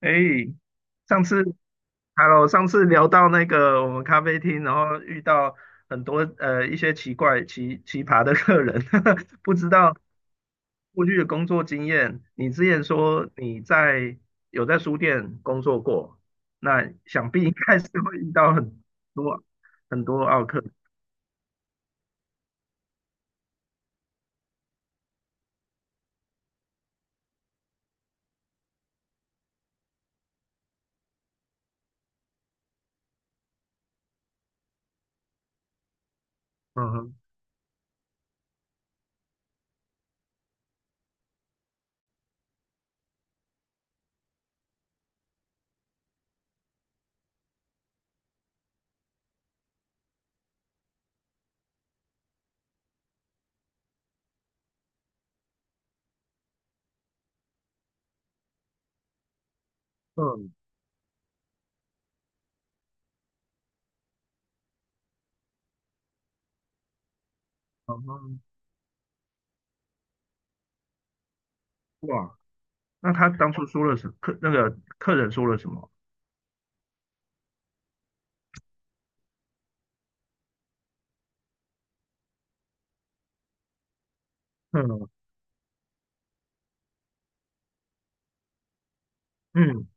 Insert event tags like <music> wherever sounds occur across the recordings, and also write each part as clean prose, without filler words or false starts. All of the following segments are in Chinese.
哎，上次，Hello，上次聊到那个我们咖啡厅，然后遇到很多一些奇怪、奇葩的客人，<laughs> 不知道过去的工作经验。你之前说你在有在书店工作过，那想必应该是会遇到很多很多奥客。嗯哼，嗯，嗯哼，哇，那他当初说了那个客人说了什么？嗯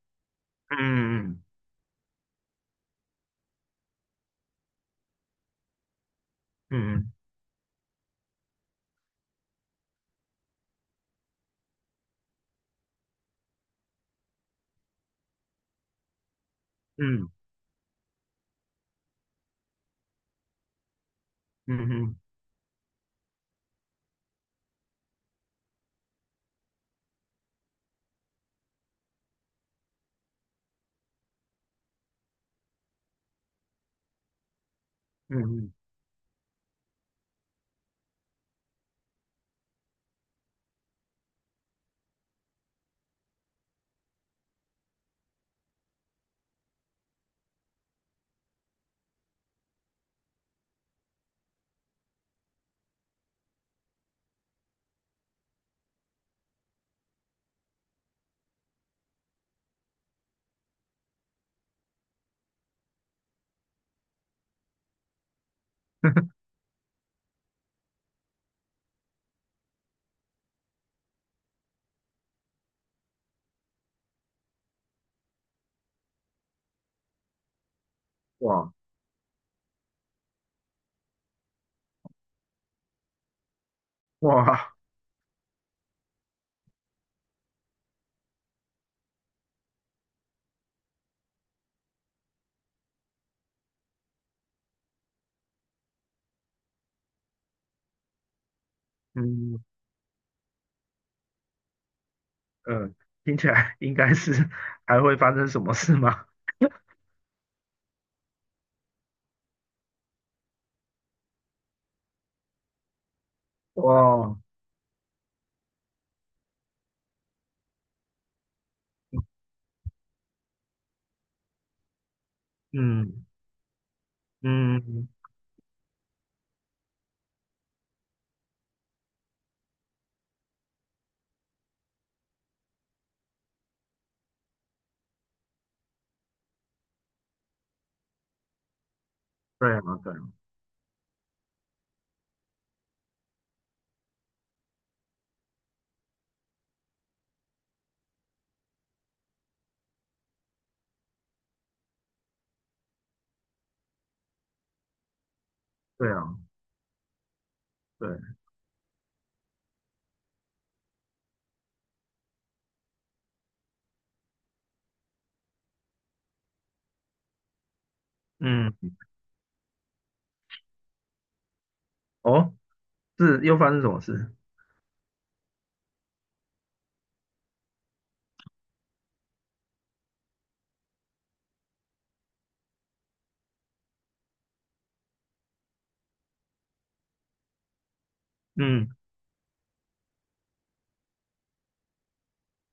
嗯嗯嗯嗯嗯嗯嗯嗯。嗯嗯，哇哇，嗯呃，听起来应该是还会发生什么事吗？<laughs> 哇，嗯嗯，对啊对啊对啊对，嗯哦，是又发生什么事？嗯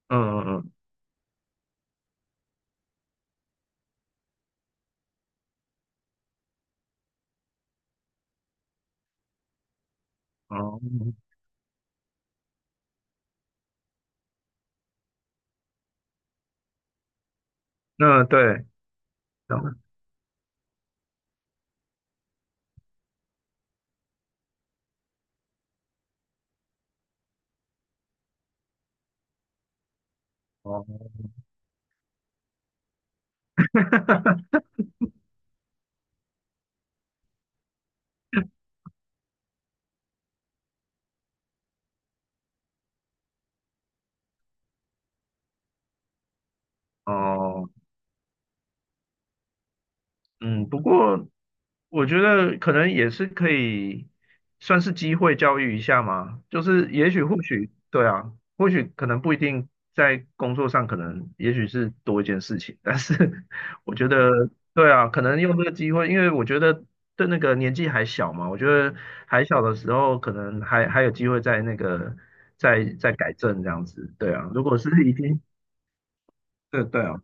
嗯嗯嗯，哦，那对，这样哦 <laughs> 哦。嗯，不过我觉得可能也是可以算是机会教育一下嘛，就是也许或许对啊，或许可能不一定在工作上，可能也许是多一件事情，但是 <laughs> 我觉得对啊，可能用这个机会，因为我觉得对那个年纪还小嘛，我觉得还小的时候可能还有机会在那个再改正这样子，对啊，如果是已经对对啊，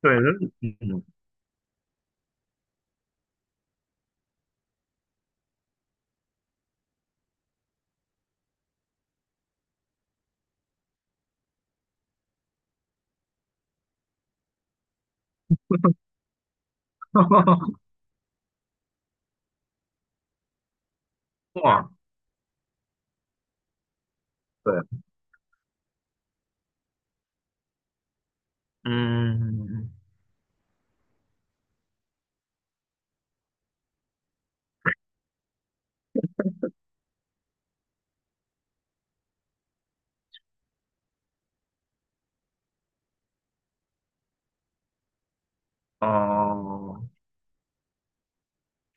对，嗯，<laughs> 哇，对啊嗯，哦，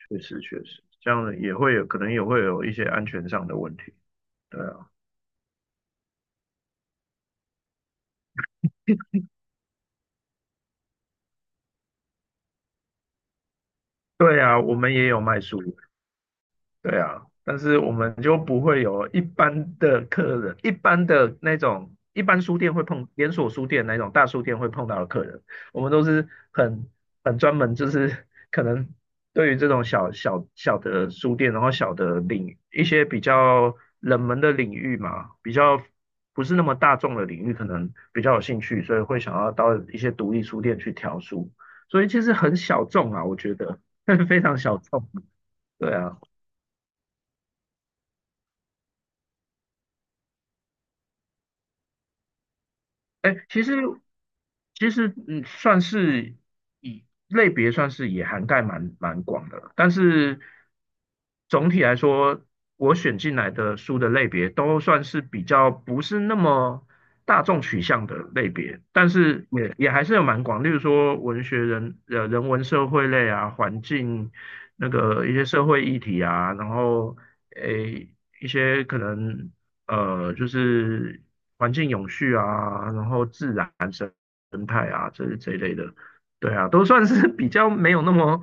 确实确实，这样也会有，可能也会有一些安全上的问题。对啊，对啊，我们也有卖书。对啊，但是我们就不会有一般的客人，一般的那种一般书店会碰连锁书店那种大书店会碰到的客人，我们都是很很专门，就是可能对于这种小的书店，然后小的领一些比较冷门的领域嘛，比较不是那么大众的领域，可能比较有兴趣，所以会想要到一些独立书店去挑书，所以其实很小众啊，我觉得 <laughs> 非常小众，对啊。哎，其实嗯，算是以类别算是也涵盖蛮广的了但是总体来说，我选进来的书的类别都算是比较不是那么大众取向的类别，但是也还是有蛮广，例如说文学人文社会类啊，环境那个一些社会议题啊，然后诶一些可能。就是环境永续啊，然后自然生态啊，这一类的，对啊，都算是 <laughs> 比较没有那么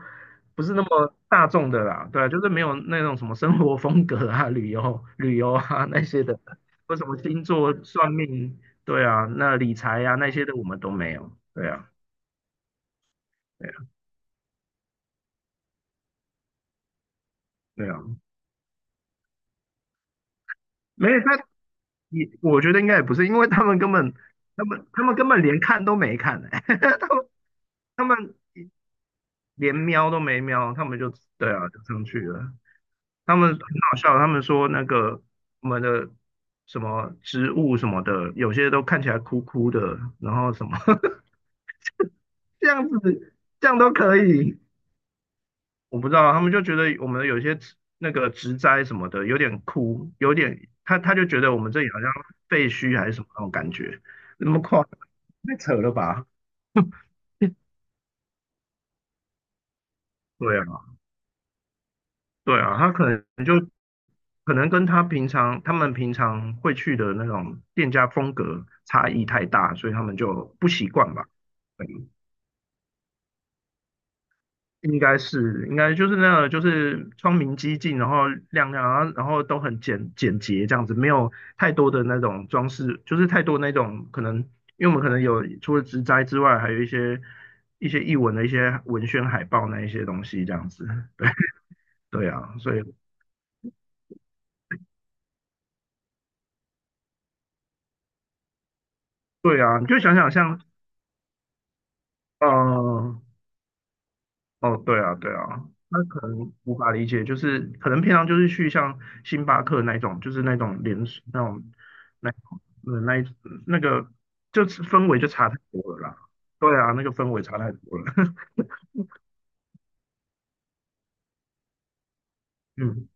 不是那么大众的啦，对啊，就是没有那种什么生活风格啊、旅游啊那些的，或什么星座算命，对啊，那理财啊那些的我们都没有，对啊，对啊，对啊，没有他也我觉得应该也不是，因为他们根本他们根本连看都没看、欸，<laughs> 他们连瞄都没瞄，他们就对啊，就上去了。他们很好笑，他们说那个我们的什么植物什么的，有些都看起来枯枯的，然后什么 <laughs> 这样子，这样都可以。我不知道，他们就觉得我们有些植那个植栽什么的有点枯，有点他就觉得我们这里好像废墟还是什么那种感觉，那么快太扯了吧？对啊，对啊，他可能跟他们平常会去的那种店家风格差异太大，所以他们就不习惯吧。应该是，应该就是那个，就是窗明几净，然后亮亮，然后都很简洁这样子，没有太多的那种装饰，就是太多那种可能，因为我们可能有除了植栽之外，还有一些译文的一些文宣海报那一些东西这样子，对对啊，所以对啊，你就想像，呃，哦，对啊，对啊，那可能无法理解，就是可能平常就是去像星巴克那一种，就是那种连锁那种那呃那一那个就是氛围就差太多了啦。对啊，那个氛围差太多了。<laughs> 嗯，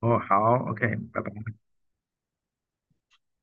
哦，好，OK，拜拜。